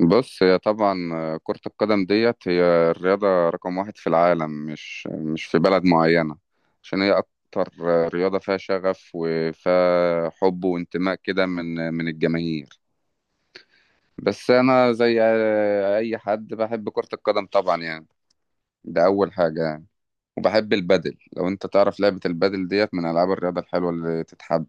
بص هي طبعا كرة القدم ديت هي الرياضة رقم واحد في العالم، مش في بلد معينة. عشان هي أكتر رياضة فيها شغف وفيها حب وانتماء كده من الجماهير. بس أنا زي أي حد بحب كرة القدم طبعا، يعني ده أول حاجة. يعني وبحب البادل، لو أنت تعرف لعبة البادل ديت من ألعاب الرياضة الحلوة اللي تتحب.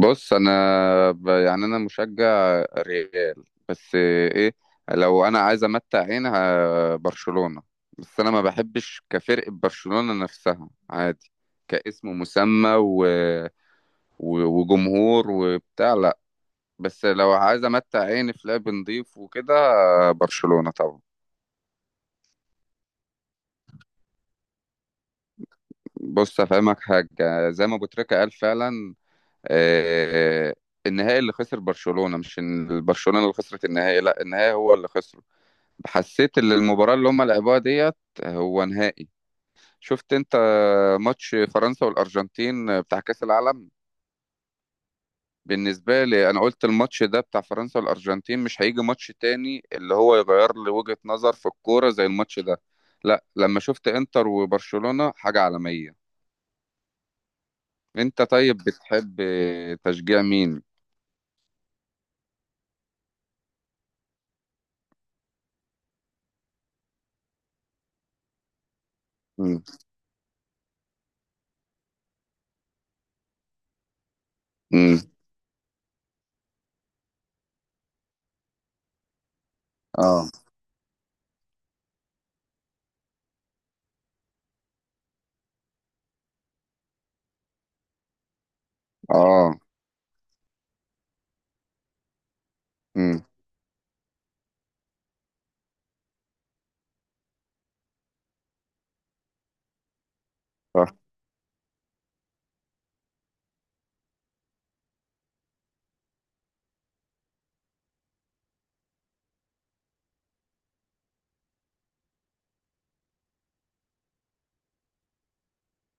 بص انا يعني انا مشجع ريال. بس ايه، لو انا عايز امتع برشلونة. بس انا ما بحبش كفرقة برشلونة نفسها، عادي، كاسم مسمى وجمهور وبتاع، لا. بس لو عايز امتع عيني في لعب نضيف وكده، برشلونة طبعا. بص افهمك حاجة، زي ما ابو تريكة قال فعلا، آه، النهائي اللي خسر برشلونة، مش إن- برشلونة اللي خسرت النهائي، لا النهائي هو اللي خسر. حسيت ان المباراة اللي هم لعبوها ديت هو نهائي. شفت انت ماتش فرنسا والارجنتين بتاع كأس العالم؟ بالنسبة لي انا قلت الماتش ده بتاع فرنسا والارجنتين، مش هيجي ماتش تاني اللي هو يغير لي وجهة نظر في الكورة زي الماتش ده. لا لما شفت انتر وبرشلونة، حاجة عالمية. انت طيب بتحب تشجيع مين؟ مم. مم. اه. اه. مم.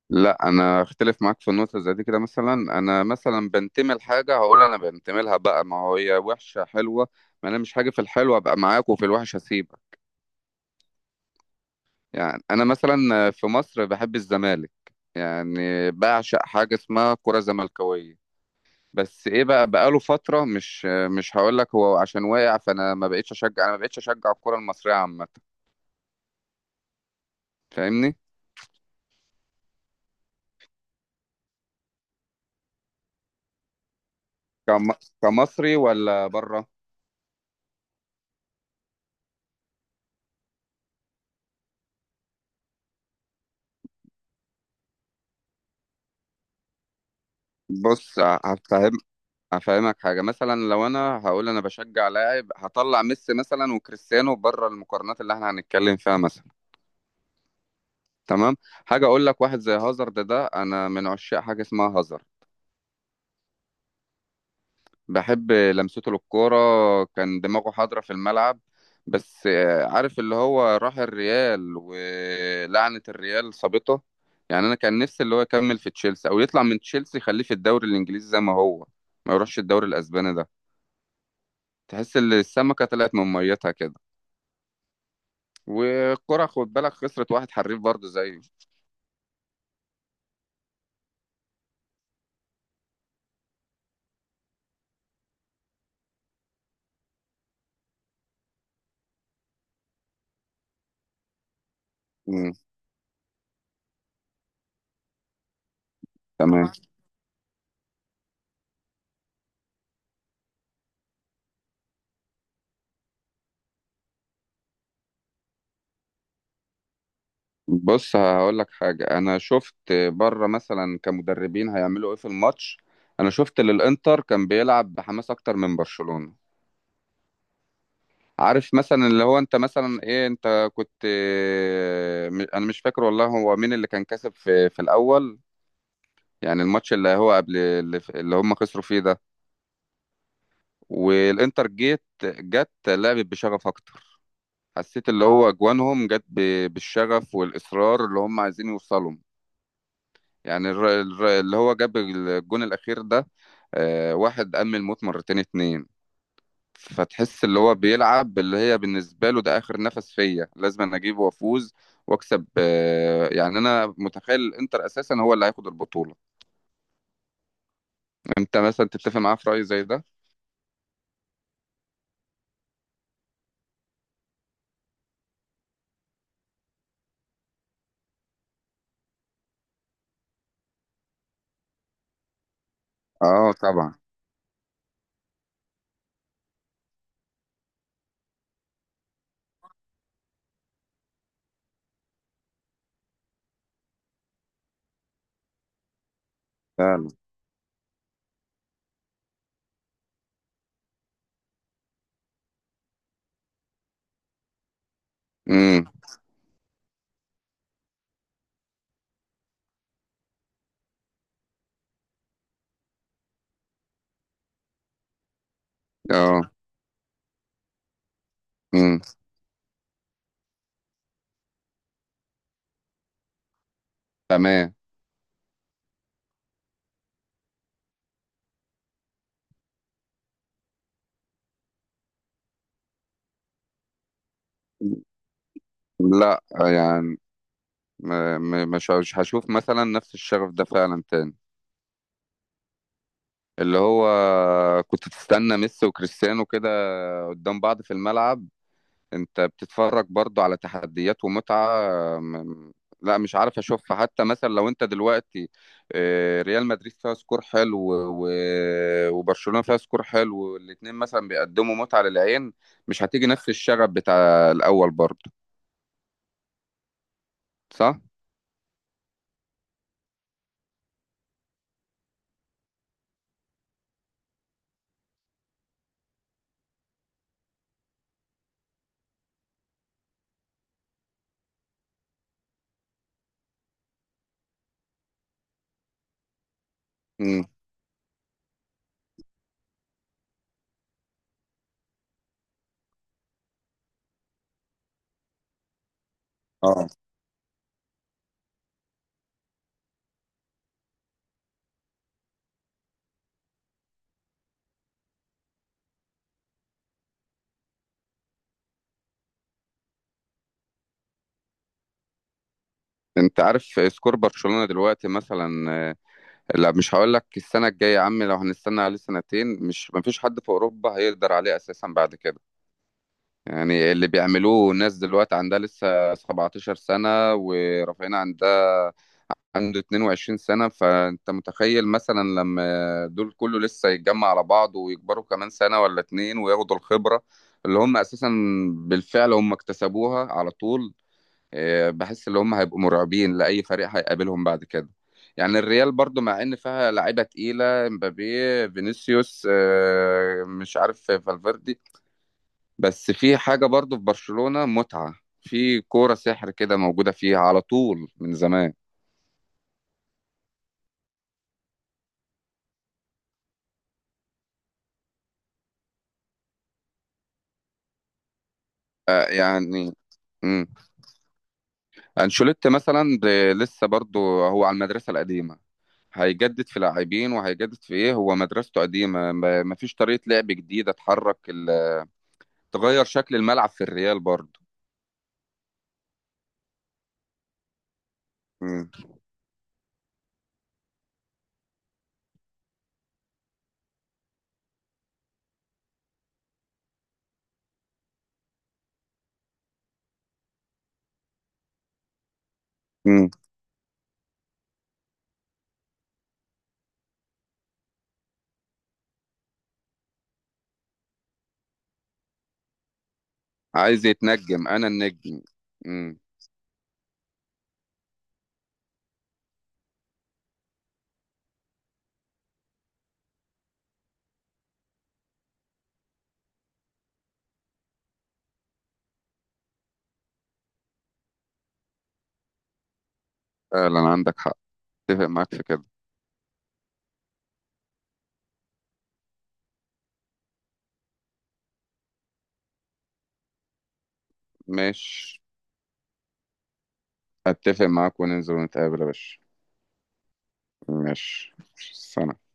لا انا اختلف معاك في النقطه زي دي كده. مثلا انا مثلا بنتمي لحاجه، هقول انا بنتمي لها بقى، ما هو هي وحشه حلوه. ما انا مش حاجه في الحلوه ابقى معاك وفي الوحش هسيبك. يعني انا مثلا في مصر بحب الزمالك، يعني بعشق حاجه اسمها كره زملكاويه. بس ايه بقى، بقاله فتره، مش هقول لك هو عشان واقع، فانا ما بقتش اشجع، انا ما بقتش اشجع الكره المصريه عامه. فاهمني؟ كم- كمصري ولا بره؟ بص افهمك حاجه، مثلا لو انا هقول انا بشجع لاعب، هطلع ميسي مثلا وكريستيانو بره المقارنات اللي احنا هنتكلم فيها مثلا. تمام، حاجه اقول لك، واحد زي هازارد ده انا من عشاق حاجه اسمها هازارد. بحب لمسته للكوره، كان دماغه حاضره في الملعب. بس عارف اللي هو راح الريال ولعنه الريال صابته. يعني انا كان نفسي اللي هو يكمل في تشيلسي، او يطلع من تشيلسي يخليه في الدوري الانجليزي زي ما هو، ما يروحش الدوري الاسباني ده. تحس ان السمكه طلعت من ميتها كده، والكرة خد بالك خسرت واحد حريف برضه زيه. مم. تمام. بص هقول لك حاجة، أنا شفت بره مثلا كمدربين هيعملوا إيه في الماتش. أنا شفت اللي الإنتر كان بيلعب بحماس أكتر من برشلونة. عارف مثلا اللي هو أنت مثلا إيه، أنت كنت أنا مش فاكر والله هو مين اللي كان كسب في الأول، يعني الماتش اللي هو قبل اللي هم خسروا فيه ده. والإنتر جت لعبت بشغف أكتر. حسيت اللي هو اجوانهم جت بالشغف والاصرار، اللي هم عايزين يوصلوا. يعني اللي هو جاب الجون الاخير ده، واحد قام الموت مرتين اتنين. فتحس اللي هو بيلعب اللي هي بالنسبة له ده آخر نفس فيا، لازم أنا أجيبه وأفوز وأكسب. يعني أنا متخيل الإنتر أساسا هو اللي هياخد البطولة. أنت مثلا تتفق معاه في رأي زي ده؟ أه طبعا. فعلا. امم. أه. امم. تمام. لا يعني، مش هشوف مثلا نفس الشغف ده فعلا تاني. اللي هو كنت تستنى ميسي وكريستيانو كده قدام بعض في الملعب، انت بتتفرج برضو على تحديات ومتعة. م- لا مش عارف اشوفها حتى. مثلا لو انت دلوقتي ريال مدريد فيها سكور حلو وبرشلونة فيها سكور حلو، والاتنين مثلا بيقدموا متعة للعين، مش هتيجي نفس الشغف بتاع الأول برضو، صح؟ مم. اه. انت عارف سكور برشلونة دلوقتي مثلا لا مش هقول لك السنة الجاية يا عم، لو هنستنى عليه سنتين، مش مفيش حد في أوروبا هيقدر عليه أساسا بعد كده. يعني اللي بيعملوه ناس دلوقتي عندها لسه 17 سنة ورافعين، عندها عنده 22 سنة. فأنت متخيل مثلا لما دول كله لسه يتجمع على بعض، ويكبروا كمان سنة ولا اتنين، وياخدوا الخبرة اللي هم أساسا بالفعل هم اكتسبوها على طول، بحس ان هم هيبقوا مرعبين لاي فريق هيقابلهم بعد كده. يعني الريال برضو مع ان فيها لعيبه تقيله، مبابي، فينيسيوس، مش عارف، فالفيردي. بس في حاجه برضو في برشلونه متعه، في كوره سحر كده موجوده فيها على طول من زمان. آه، يعني امم انشيلوتي مثلا لسه برضو هو على المدرسه القديمه. هيجدد في لاعبين وهيجدد في ايه، هو مدرسته قديمه، ما فيش طريقه لعب جديده تحرك، تغير شكل الملعب في الريال برضه. مم. مم. عايز يتنجم، انا النجم. مم. فعلا عندك حق، اتفق معاك في كده. ماشي، اتفق معاك، وننزل ونتقابل يا باشا. ماشي. سلام.